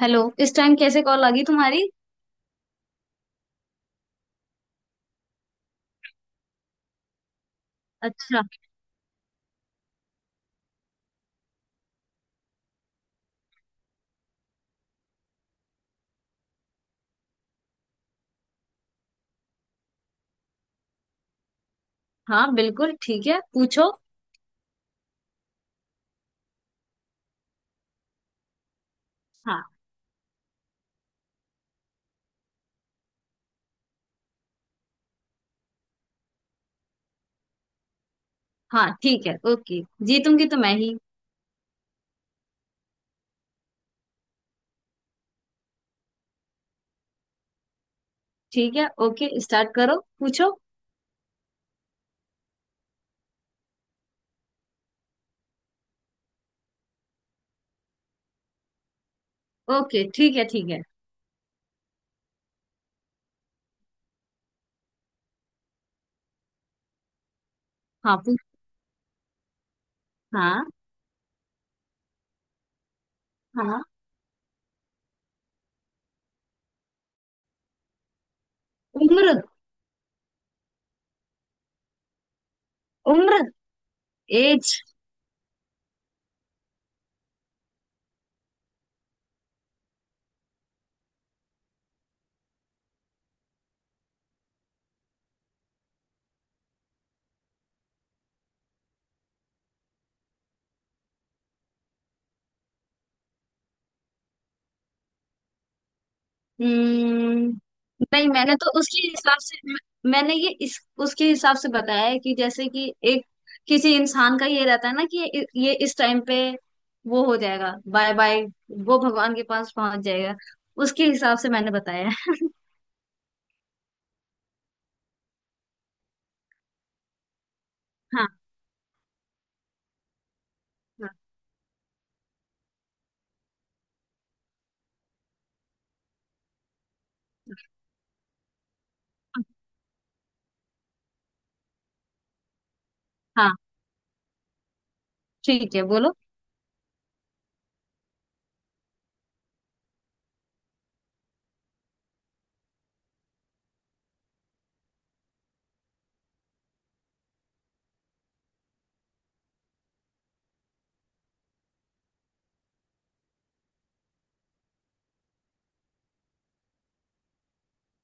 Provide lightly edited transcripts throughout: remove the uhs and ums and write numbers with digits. Hello, इस time कैसे call आ गई तुम्हारी? अच्छा। हाँ, बिल्कुल ठीक है, पूछो। हाँ। हाँ ठीक है, ओके। जीतूंगी तो मैं ही। ठीक है, ओके, स्टार्ट करो, पूछो। ओके, ठीक है ठीक है। हाँ पूछ। हाँ। हाँ। उम्र। उम्र। एज। हम्म, नहीं, मैंने तो उसके हिसाब से मैंने ये इस उसके हिसाब से बताया है कि जैसे कि एक किसी इंसान का ये रहता है ना कि ये इस टाइम पे वो हो जाएगा बाय बाय, वो भगवान के पास पहुंच जाएगा। उसके हिसाब से मैंने बताया है। हाँ। हाँ। हाँ, ठीक है, बोलो।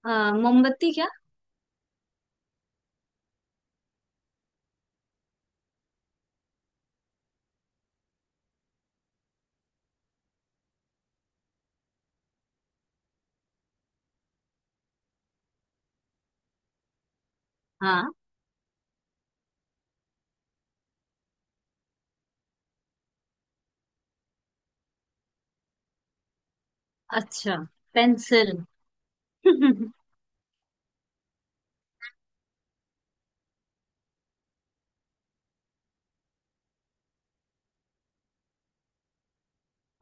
अ, मोमबत्ती क्या? हाँ। अच्छा। पेंसिल।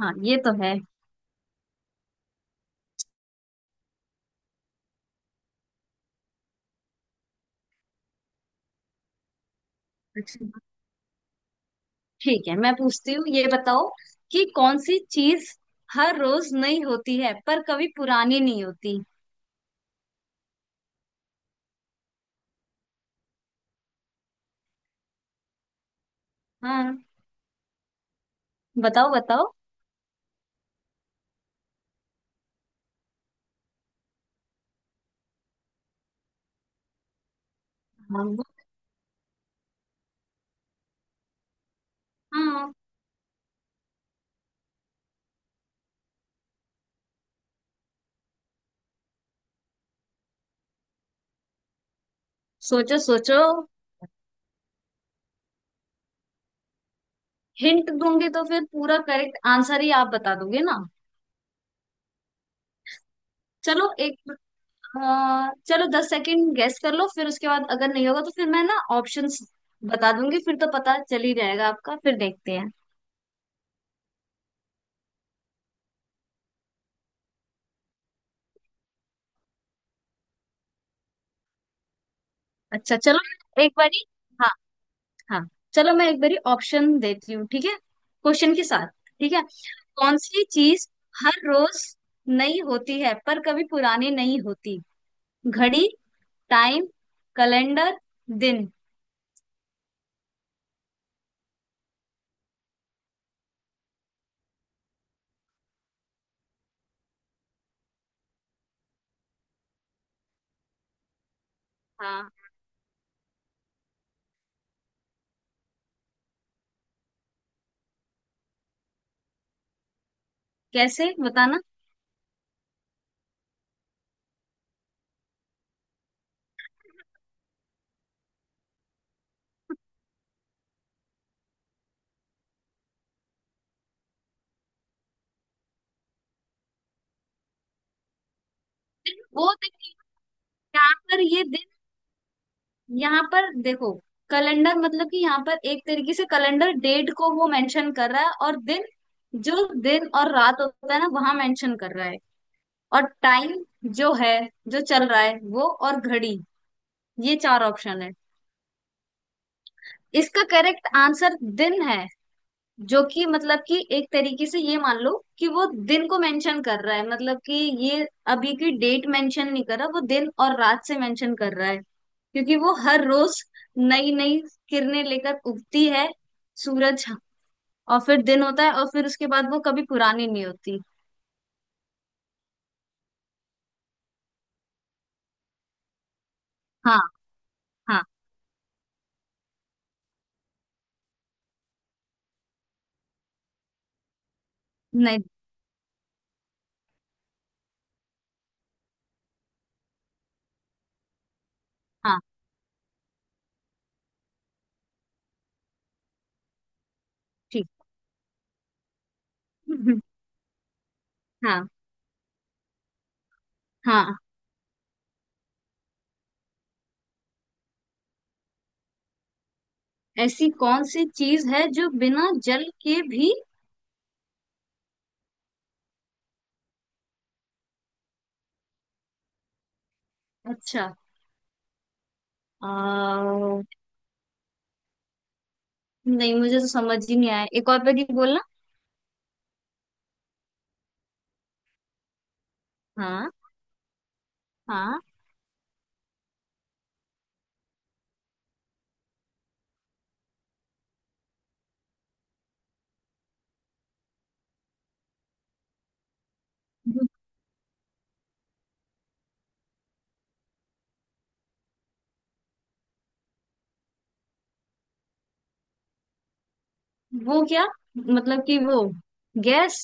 हाँ ये तो है। ठीक है, मैं पूछती हूँ, ये बताओ कि कौन सी चीज हर रोज नई होती है पर कभी पुरानी नहीं होती? हाँ, बताओ बताओ। हाँ। हाँ। सोचो सोचो। हिंट दूंगी तो फिर पूरा करेक्ट आंसर ही आप बता दोगे ना। चलो एक, चलो दस सेकंड गेस कर लो, फिर उसके बाद अगर नहीं होगा तो फिर मैं ना ऑप्शंस बता दूंगी, फिर तो पता चल ही जाएगा आपका, फिर देखते हैं। अच्छा चलो एक बारी। हाँ, चलो मैं एक बारी ऑप्शन देती हूँ, ठीक है, क्वेश्चन के साथ। ठीक है। कौन सी चीज हर रोज नई होती है पर कभी पुरानी नहीं होती? घड़ी, टाइम, कैलेंडर, दिन। हाँ। कैसे बताना? दिन वो दिन नहीं। यहाँ पर ये दिन, यहाँ पर देखो, कैलेंडर मतलब कि यहाँ पर एक तरीके से कैलेंडर डेट को वो मेंशन कर रहा है, और दिन जो दिन और रात होता है ना वहां मेंशन कर रहा है। और टाइम जो है, जो चल रहा है वो, और घड़ी, ये चार ऑप्शन है। इसका करेक्ट आंसर दिन है, जो कि मतलब कि एक तरीके से ये मान लो कि वो दिन को मेंशन कर रहा है, मतलब कि ये अभी की डेट मेंशन नहीं कर रहा, वो दिन और रात से मेंशन कर रहा है। क्योंकि वो हर रोज नई नई किरणें लेकर उगती है, सूरज, और फिर दिन होता है, और फिर उसके बाद वो कभी पुरानी नहीं होती। हाँ। हाँ। नहीं। हाँ। ठीक। हाँ। हाँ। ऐसी कौन सी चीज है जो बिना जल के भी? अच्छा। आ, नहीं मुझे तो समझ ही नहीं आया, एक और बार ये बोलना। हाँ। हाँ। वो क्या, मतलब कि वो गैस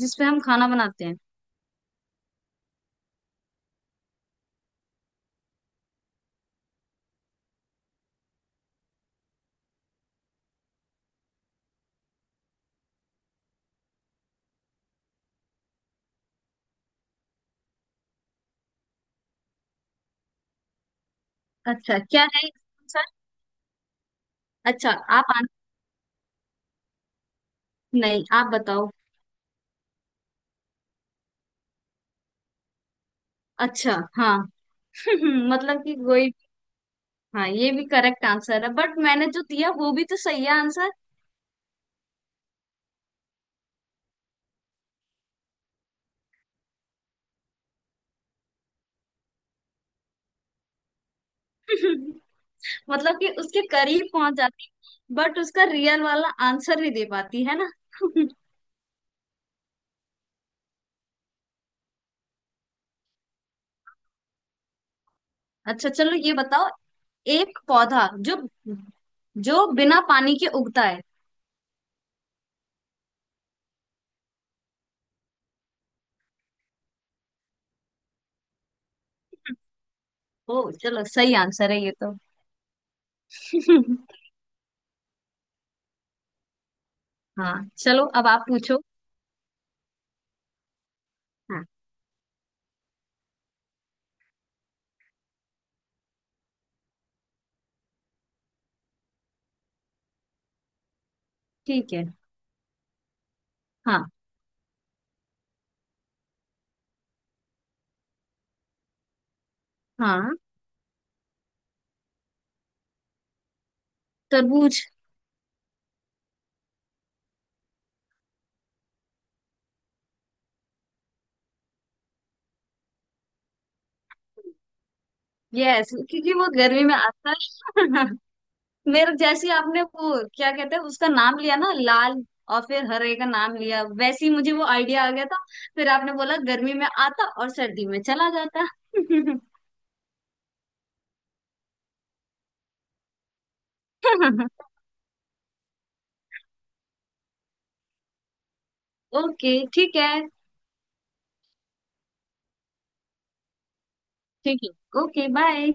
जिसपे हम खाना बनाते हैं? अच्छा क्या है सर? अच्छा आप आन... नहीं आप बताओ। अच्छा। हाँ। मतलब कि कोई, हाँ ये भी करेक्ट आंसर है, बट मैंने जो दिया वो भी तो सही है आंसर। मतलब कि उसके करीब पहुंच जाती, बट उसका रियल वाला आंसर नहीं दे पाती है ना। अच्छा, चलो ये बताओ, एक पौधा जो, जो बिना पानी के उगता है? ओ चलो, सही आंसर है ये तो। हाँ, चलो अब आप पूछो। हाँ। ठीक है। हाँ। हाँ। तरबूज। यस, क्योंकि वो गर्मी में आता है। मेरे जैसी आपने वो क्या कहते हैं उसका नाम लिया ना, लाल, और फिर हरे का नाम लिया, वैसे ही मुझे वो आइडिया आ गया था। फिर आपने बोला गर्मी में आता और सर्दी में चला जाता। ओके, ठीक है। ठीक है। Okay bye.